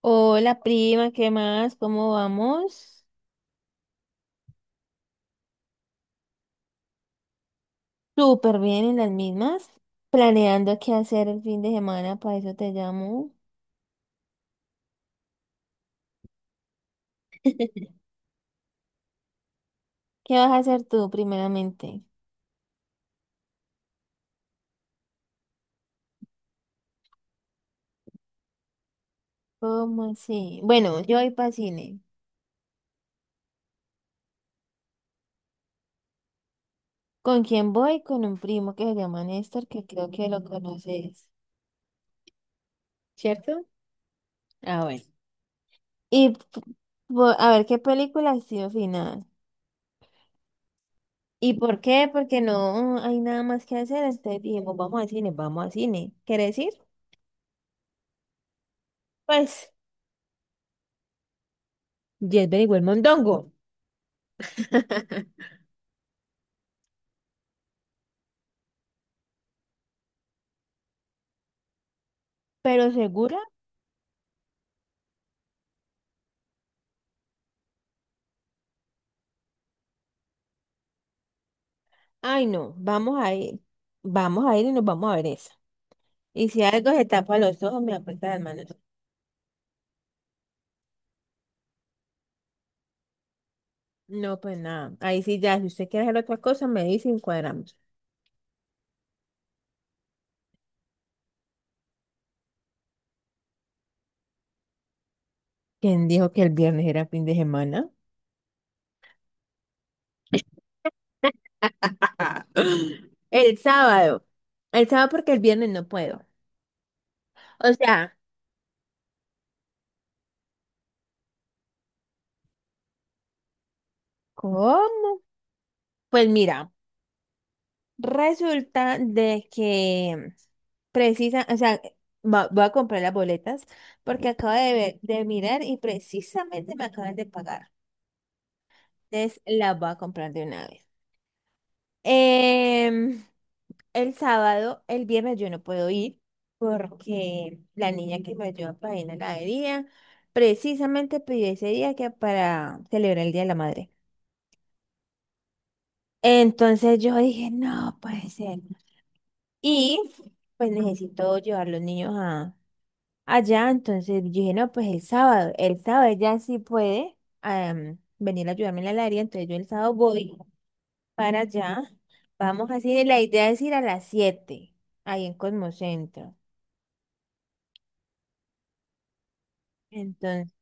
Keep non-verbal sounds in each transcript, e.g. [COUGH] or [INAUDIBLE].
Hola prima, ¿qué más? ¿Cómo vamos? Súper bien en las mismas. Planeando qué hacer el fin de semana, para eso te llamo. ¿Qué vas a hacer tú primeramente? ¿Cómo así? Bueno, yo voy para cine. ¿Con quién voy? Con un primo que se llama Néstor, que creo que lo conoces, ¿cierto? Ah, bueno. Y p- a ver qué película ha sido final. ¿Y por qué? Porque no hay nada más que hacer. Entonces dijimos, vamos al cine, vamos al cine. ¿Quieres ir? Pues yes, very well, mondongo. [LAUGHS] Pero segura, ay no, vamos a ir y nos vamos a ver esa. Y si algo se tapa los ojos, me aprieta las manos. No, pues nada, ahí sí ya, si usted quiere hacer otra cosa, me dice y encuadramos. ¿Quién dijo que el viernes era fin de semana? El sábado. El sábado porque el viernes no puedo. O sea, ¿cómo? Pues mira. Resulta de que precisa, o sea, voy a comprar las boletas porque acabo de ver, de mirar y precisamente me acaban de pagar. Entonces las voy a comprar de una vez. Em, el sábado, el viernes yo no puedo ir porque la niña que me ayuda para ir a la heladería precisamente pidió ese día que para celebrar el Día de la Madre. Entonces yo dije, no puede ser. Y pues necesito llevar los niños allá, entonces yo dije, no, pues el sábado ella sí puede venir a ayudarme en la heladería, entonces yo el sábado voy para allá, vamos así, la idea es ir a las 7 ahí en Cosmocentro. Entonces,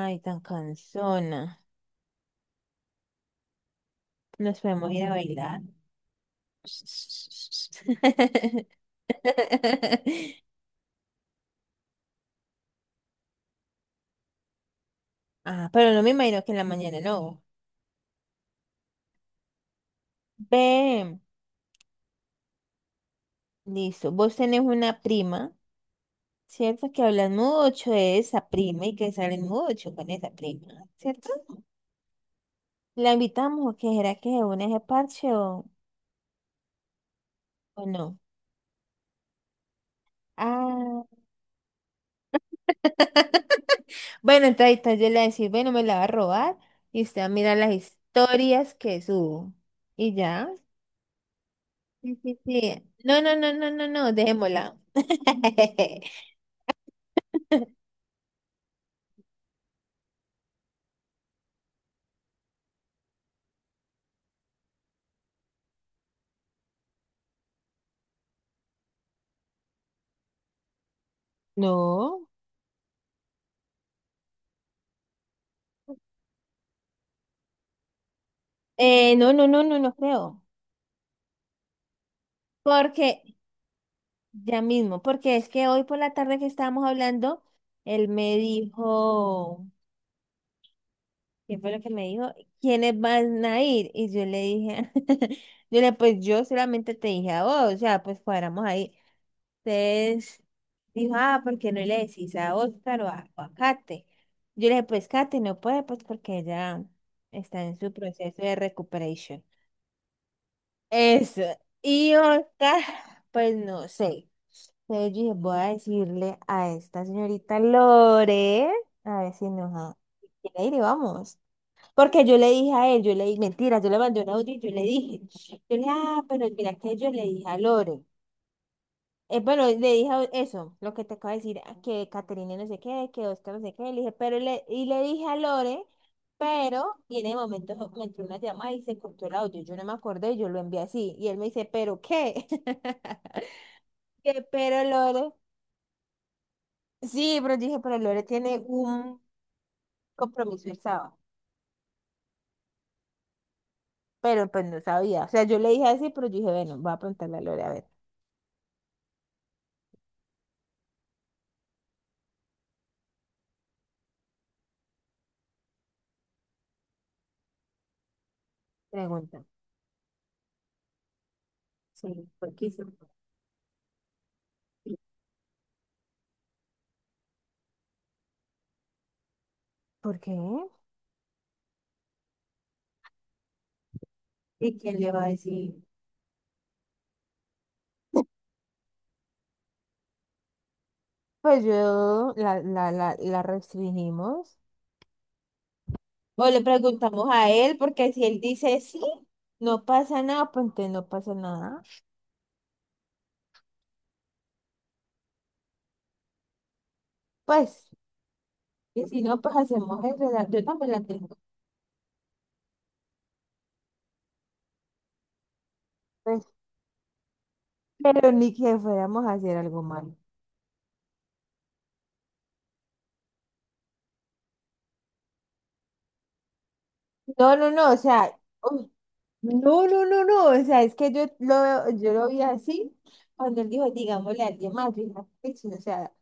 ay, tan cansona, nos podemos ir a bailar. [LAUGHS] Ah, pero no me imagino que en la mañana no. Ve, listo, vos tenés una prima. Cierto que hablan mucho de esa prima y que salen mucho con esa prima, ¿cierto? La invitamos, o ¿qué será que se une a ese parche, o no? Ah, [LAUGHS] bueno, entonces yo le voy a decir, bueno, me la va a robar y usted va a mirar las historias que subo. Y ya. Sí, sí, sí. No, no, no, no, no, no, dejémosla. [LAUGHS] No. No, no, no, no, no creo. Porque ya mismo, porque es que hoy por la tarde que estábamos hablando, él me dijo, ¿qué fue lo que me dijo? ¿Quiénes van a ir? Y yo le dije, [LAUGHS] yo le, pues yo solamente te dije a vos, o sea, pues cuadramos ahí. Entonces dijo, ah, ¿por qué no le decís a Oscar o a Kate? Yo le dije, pues Kate no puede, pues porque ella está en su proceso de recuperación. Eso. Y Oscar, pues no sé. Entonces yo dije, voy a decirle a esta señorita Lore, a ver si nos a- quiere ir y vamos. Porque yo le dije a él, yo le dije, mentira, yo le mandé un audio y yo le dije, ah, pero mira que yo le dije a Lore. Bueno, eso, lo que te acabo de decir, ah, que Caterina no sé qué, que Oscar no sé qué, le dije, pero le, y le dije a Lore, pero, y en el momento me entró una llamada y se cortó el audio, yo no me acordé, yo lo envié así, y él me dice, ¿pero qué? [LAUGHS] Que pero Lore. Sí, pero dije, pero Lore tiene un compromiso el sábado. Pero pues no sabía. O sea, yo le dije así, pero yo dije, bueno, voy a preguntarle a Lore, a ver. Pregunta. Sí, ¿por qué hizo? ¿Por qué? ¿Y quién le va a decir? Pues yo la restringimos. O le preguntamos a él, porque si él dice sí, no pasa nada, pues entonces no pasa nada. Pues, y si no, pues hacemos el relato. Yo también la tengo. Pues, pero ni que fuéramos a hacer algo malo. No, no, no, o sea, uy, no, no, no, no, o sea, es que yo lo vi así cuando él dijo, digámosle a alguien más, yo dije, "Ah, pues, sí, o sea,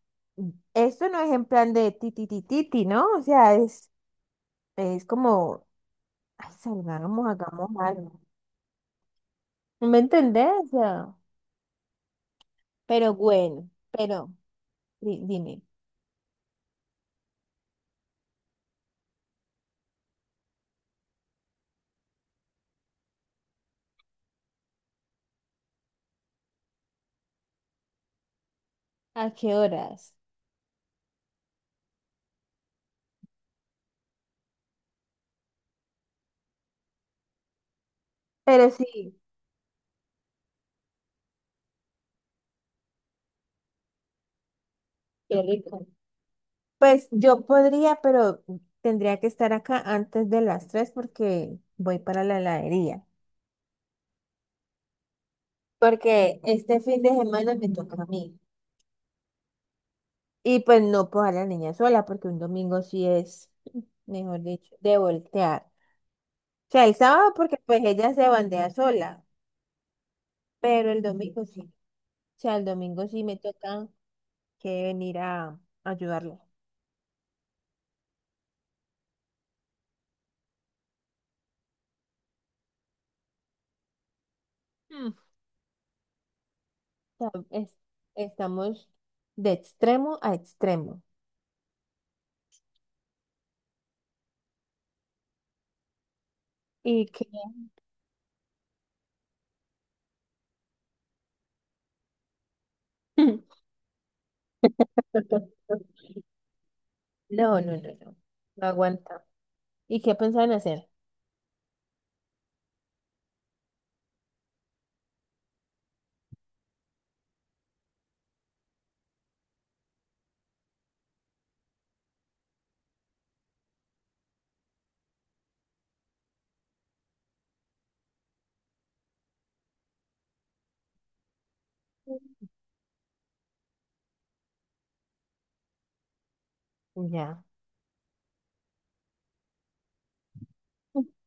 esto no es en plan de ti, ¿no? O sea, es como, ay, salgamos, hagamos algo. ¿No me entendés? O sea, pero bueno, pero dime, ¿a qué horas? Pero sí, qué rico. Pues yo podría, pero tendría que estar acá antes de las 3 porque voy para la heladería. Porque este fin de semana me toca a mí. Y pues no puedo dejar a la niña sola, porque un domingo sí es, mejor dicho, de voltear. O sea, el sábado porque pues ella se bandea sola, pero el domingo sí. O sea, el domingo sí me toca que venir a ayudarla. Mm, o sea, estamos de extremo a extremo. Y que... [LAUGHS] No, no, no, no. No aguanta. ¿Y qué pensaban hacer? Ya.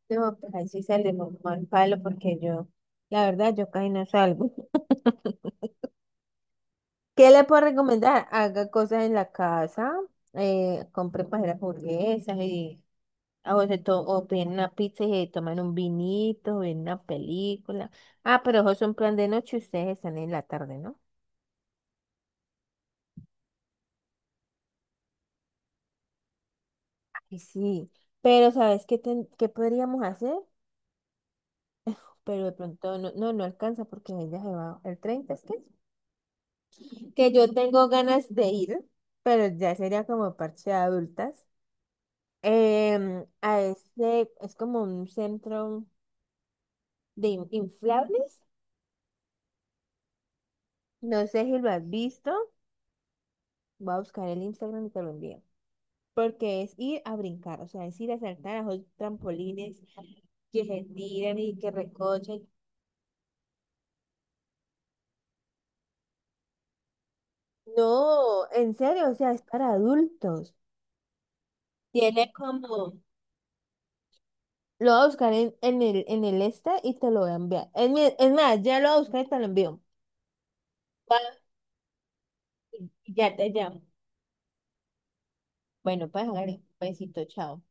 No, pues ahí sí salimos mal palo porque yo, la verdad, yo casi no salgo. [LAUGHS] ¿Qué le puedo recomendar? Haga cosas en la casa, compre para hacer hamburguesas y o, o piden una pizza y se toman un vinito, ven una película. Ah, pero eso es un plan de noche, ustedes están en la tarde, ¿no? Y sí, pero ¿sabes qué, qué podríamos hacer? Pero de pronto no, no, no alcanza porque ella se va el 30, ¿es que? Que yo tengo ganas de ir, pero ya sería como parche de adultas, a este, es como un centro de inflables, no sé si lo has visto, voy a buscar el Instagram y te lo envío, porque es ir a brincar, o sea, es ir a saltar a los trampolines que se tiran y que recochen. No, en serio, o sea, es para adultos. Tiene como... Lo voy a buscar en el este y te lo voy a enviar. Es más, ya lo voy a buscar y te lo envío. Ya te llamo. Bueno, pues, hágale. Besito, chao.